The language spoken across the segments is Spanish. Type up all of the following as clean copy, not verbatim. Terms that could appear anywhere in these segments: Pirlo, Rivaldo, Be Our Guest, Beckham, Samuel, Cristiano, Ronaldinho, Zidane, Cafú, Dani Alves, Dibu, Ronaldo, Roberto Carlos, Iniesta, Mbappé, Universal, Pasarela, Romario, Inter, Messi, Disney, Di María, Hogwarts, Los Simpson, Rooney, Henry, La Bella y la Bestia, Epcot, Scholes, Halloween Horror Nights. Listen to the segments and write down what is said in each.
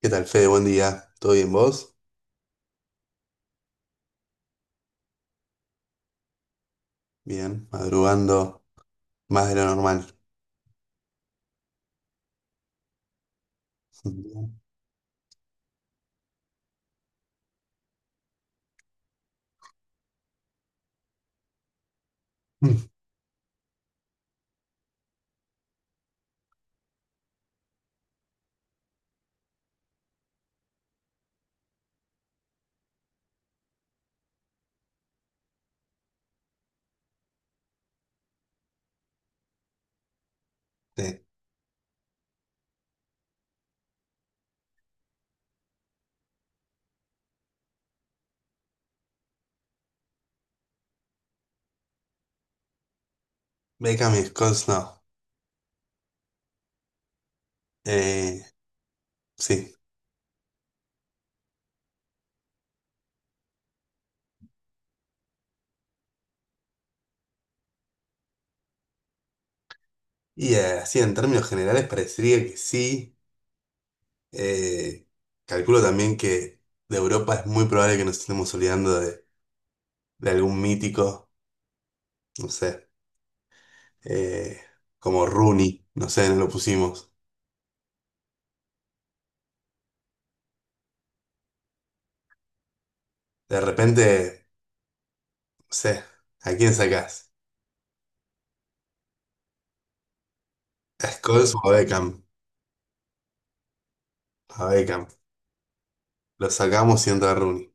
¿Qué tal, Fede? Buen día. ¿Todo bien vos? Bien, madrugando más de lo normal. Mm. Sí. Beckham y Scholes no. Eh, sí. Y así en términos generales parecería que sí. Eh, calculo también que de Europa es muy probable que nos estemos olvidando de algún mítico, no sé, eh, como Rooney, no sé, no lo pusimos. De repente, no sé, ¿a quién sacás? ¿A Scholes o a Beckham? A Beckham. Lo sacamos y entra Rooney.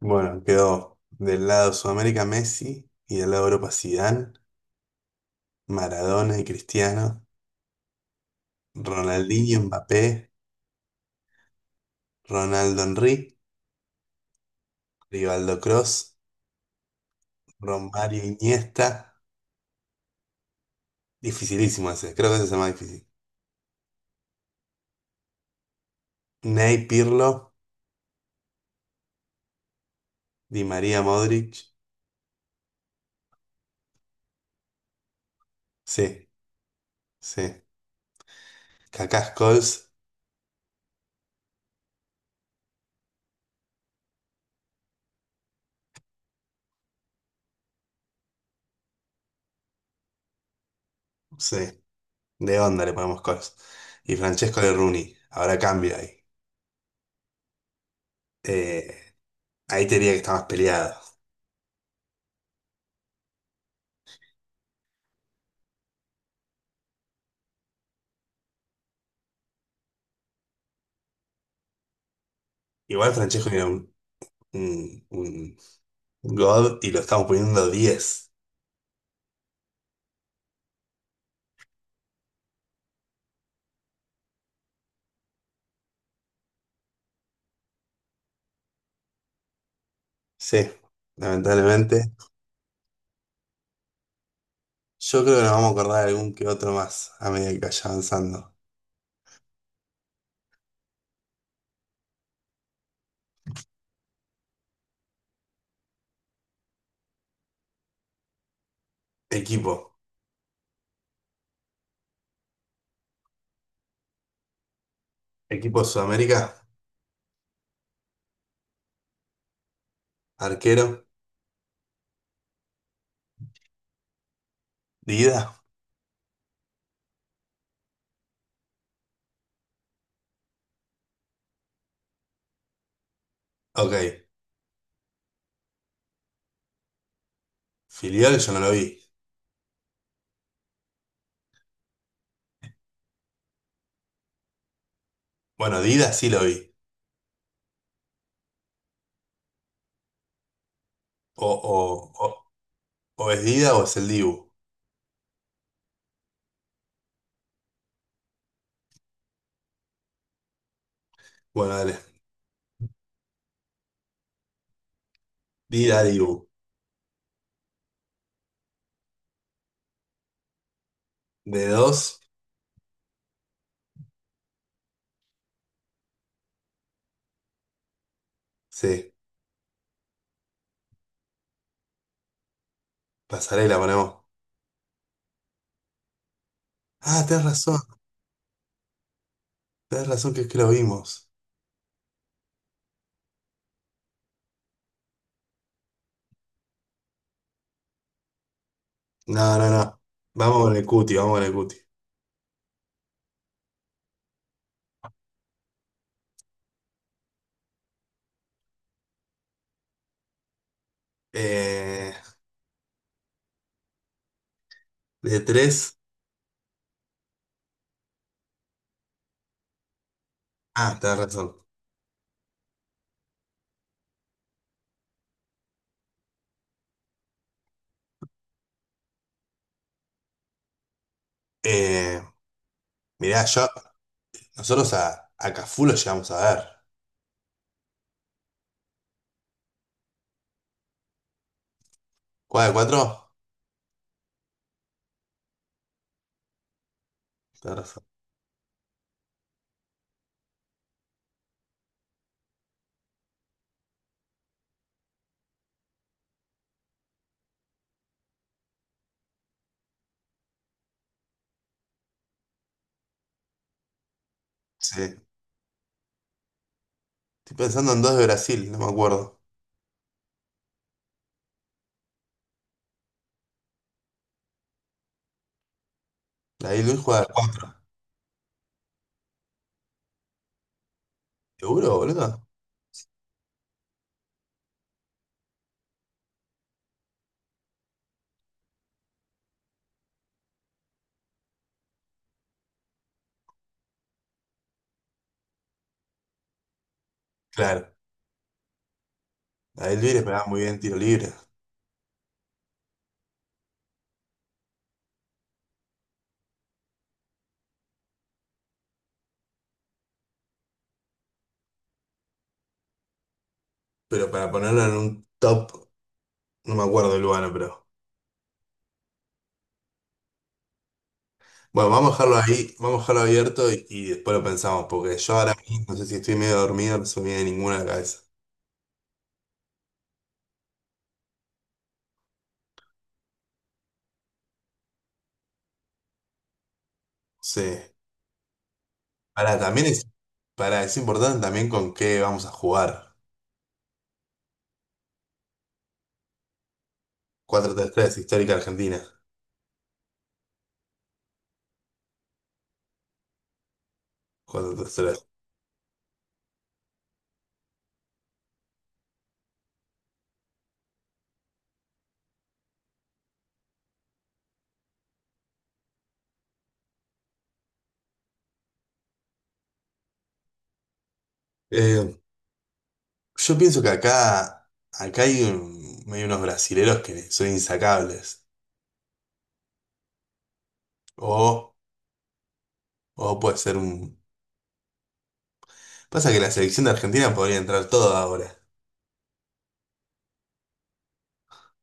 Bueno, quedó del lado Sudamérica Messi, y del lado Europa Zidane, Maradona y Cristiano, Ronaldinho Mbappé, Ronaldo Henry, Rivaldo Cross, Romario Iniesta. Dificilísimo ese, creo que ese es el más difícil. Ney Pirlo, Di María Modric. Sí, sí. Kaká Scholes. Sí, de onda le ponemos Scholes. Y Francesco de Rooney. Ahora cambio ahí. Eh, ahí te diría que está más peleado. Igual Francesco era un God, y lo estamos poniendo 10. Sí, lamentablemente. Yo creo que nos vamos a acordar de algún que otro más a medida que vaya avanzando. Equipo. Equipo Sudamérica. Arquero. Dida. Ok. Filial yo no lo vi. Bueno, Dida sí lo vi. O, o, o es Dida o es el Dibu. Bueno, dale. Dida, Dibu. De dos. Sí. Pasarela ponemos. Ah, tenés razón. Tenés razón que es que lo vimos. No, no, no. Vamos con el cuti, vamos con el cuti. Eh, De tres. Ah, tenés razón. Eh, mirá, yo, nosotros a Cafú lo llegamos a ver. ¿Cuál de cuatro? Tenés razón. Sí. Estoy pensando en dos de Brasil, no me acuerdo. La de Luis juega de cuatro. ¿Seguro, boludo? Claro. La de Luis le pegaba muy bien tiro libre. Pero para ponerlo en un top, no me acuerdo el lugar, pero. Bueno, vamos a dejarlo ahí, vamos a dejarlo abierto y después lo pensamos, porque yo ahora mismo no sé si estoy medio dormido, no se me viene ninguna a la cabeza. Sí. Para, también es, para, es importante también con qué vamos a jugar. 4-3-3 histórica Argentina. 4-3-3. Eh, yo pienso que acá hay unos brasileros que son insacables. O, o puede ser un. Pasa que la selección de Argentina podría entrar todo ahora.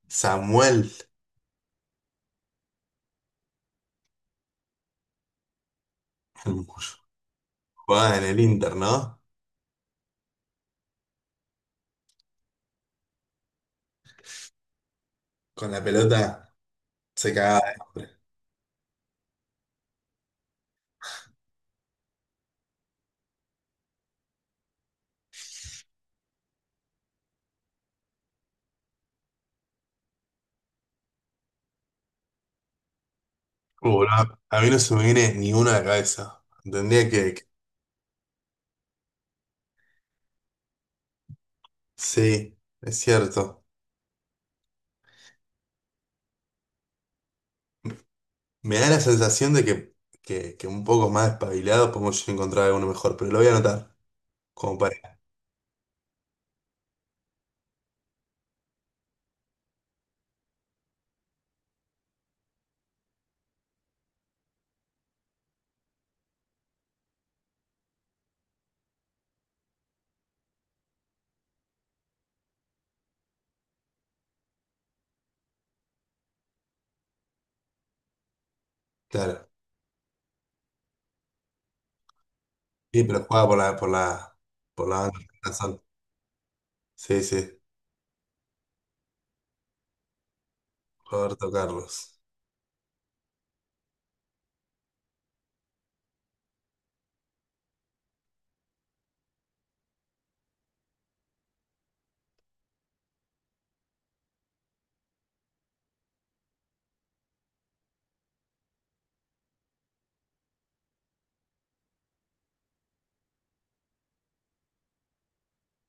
Samuel. jugaba en el Inter, ¿no? Con la pelota se cagaba. Boludo, a mí no se me viene ni una a la cabeza. Tendría. Sí, es cierto. Me da la sensación de que un poco más espabilado podemos encontrar alguno mejor, pero lo voy a anotar, como para. Claro. Sí, pero juega por la banda de Corazón. Sí, sí. Roberto Carlos.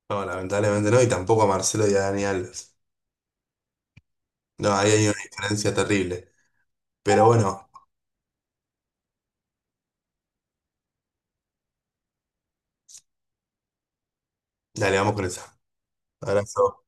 No, lamentablemente no, y tampoco a Marcelo y a Dani Alves. No, ahí hay una diferencia terrible. Pero bueno, dale, vamos con esa. Abrazo.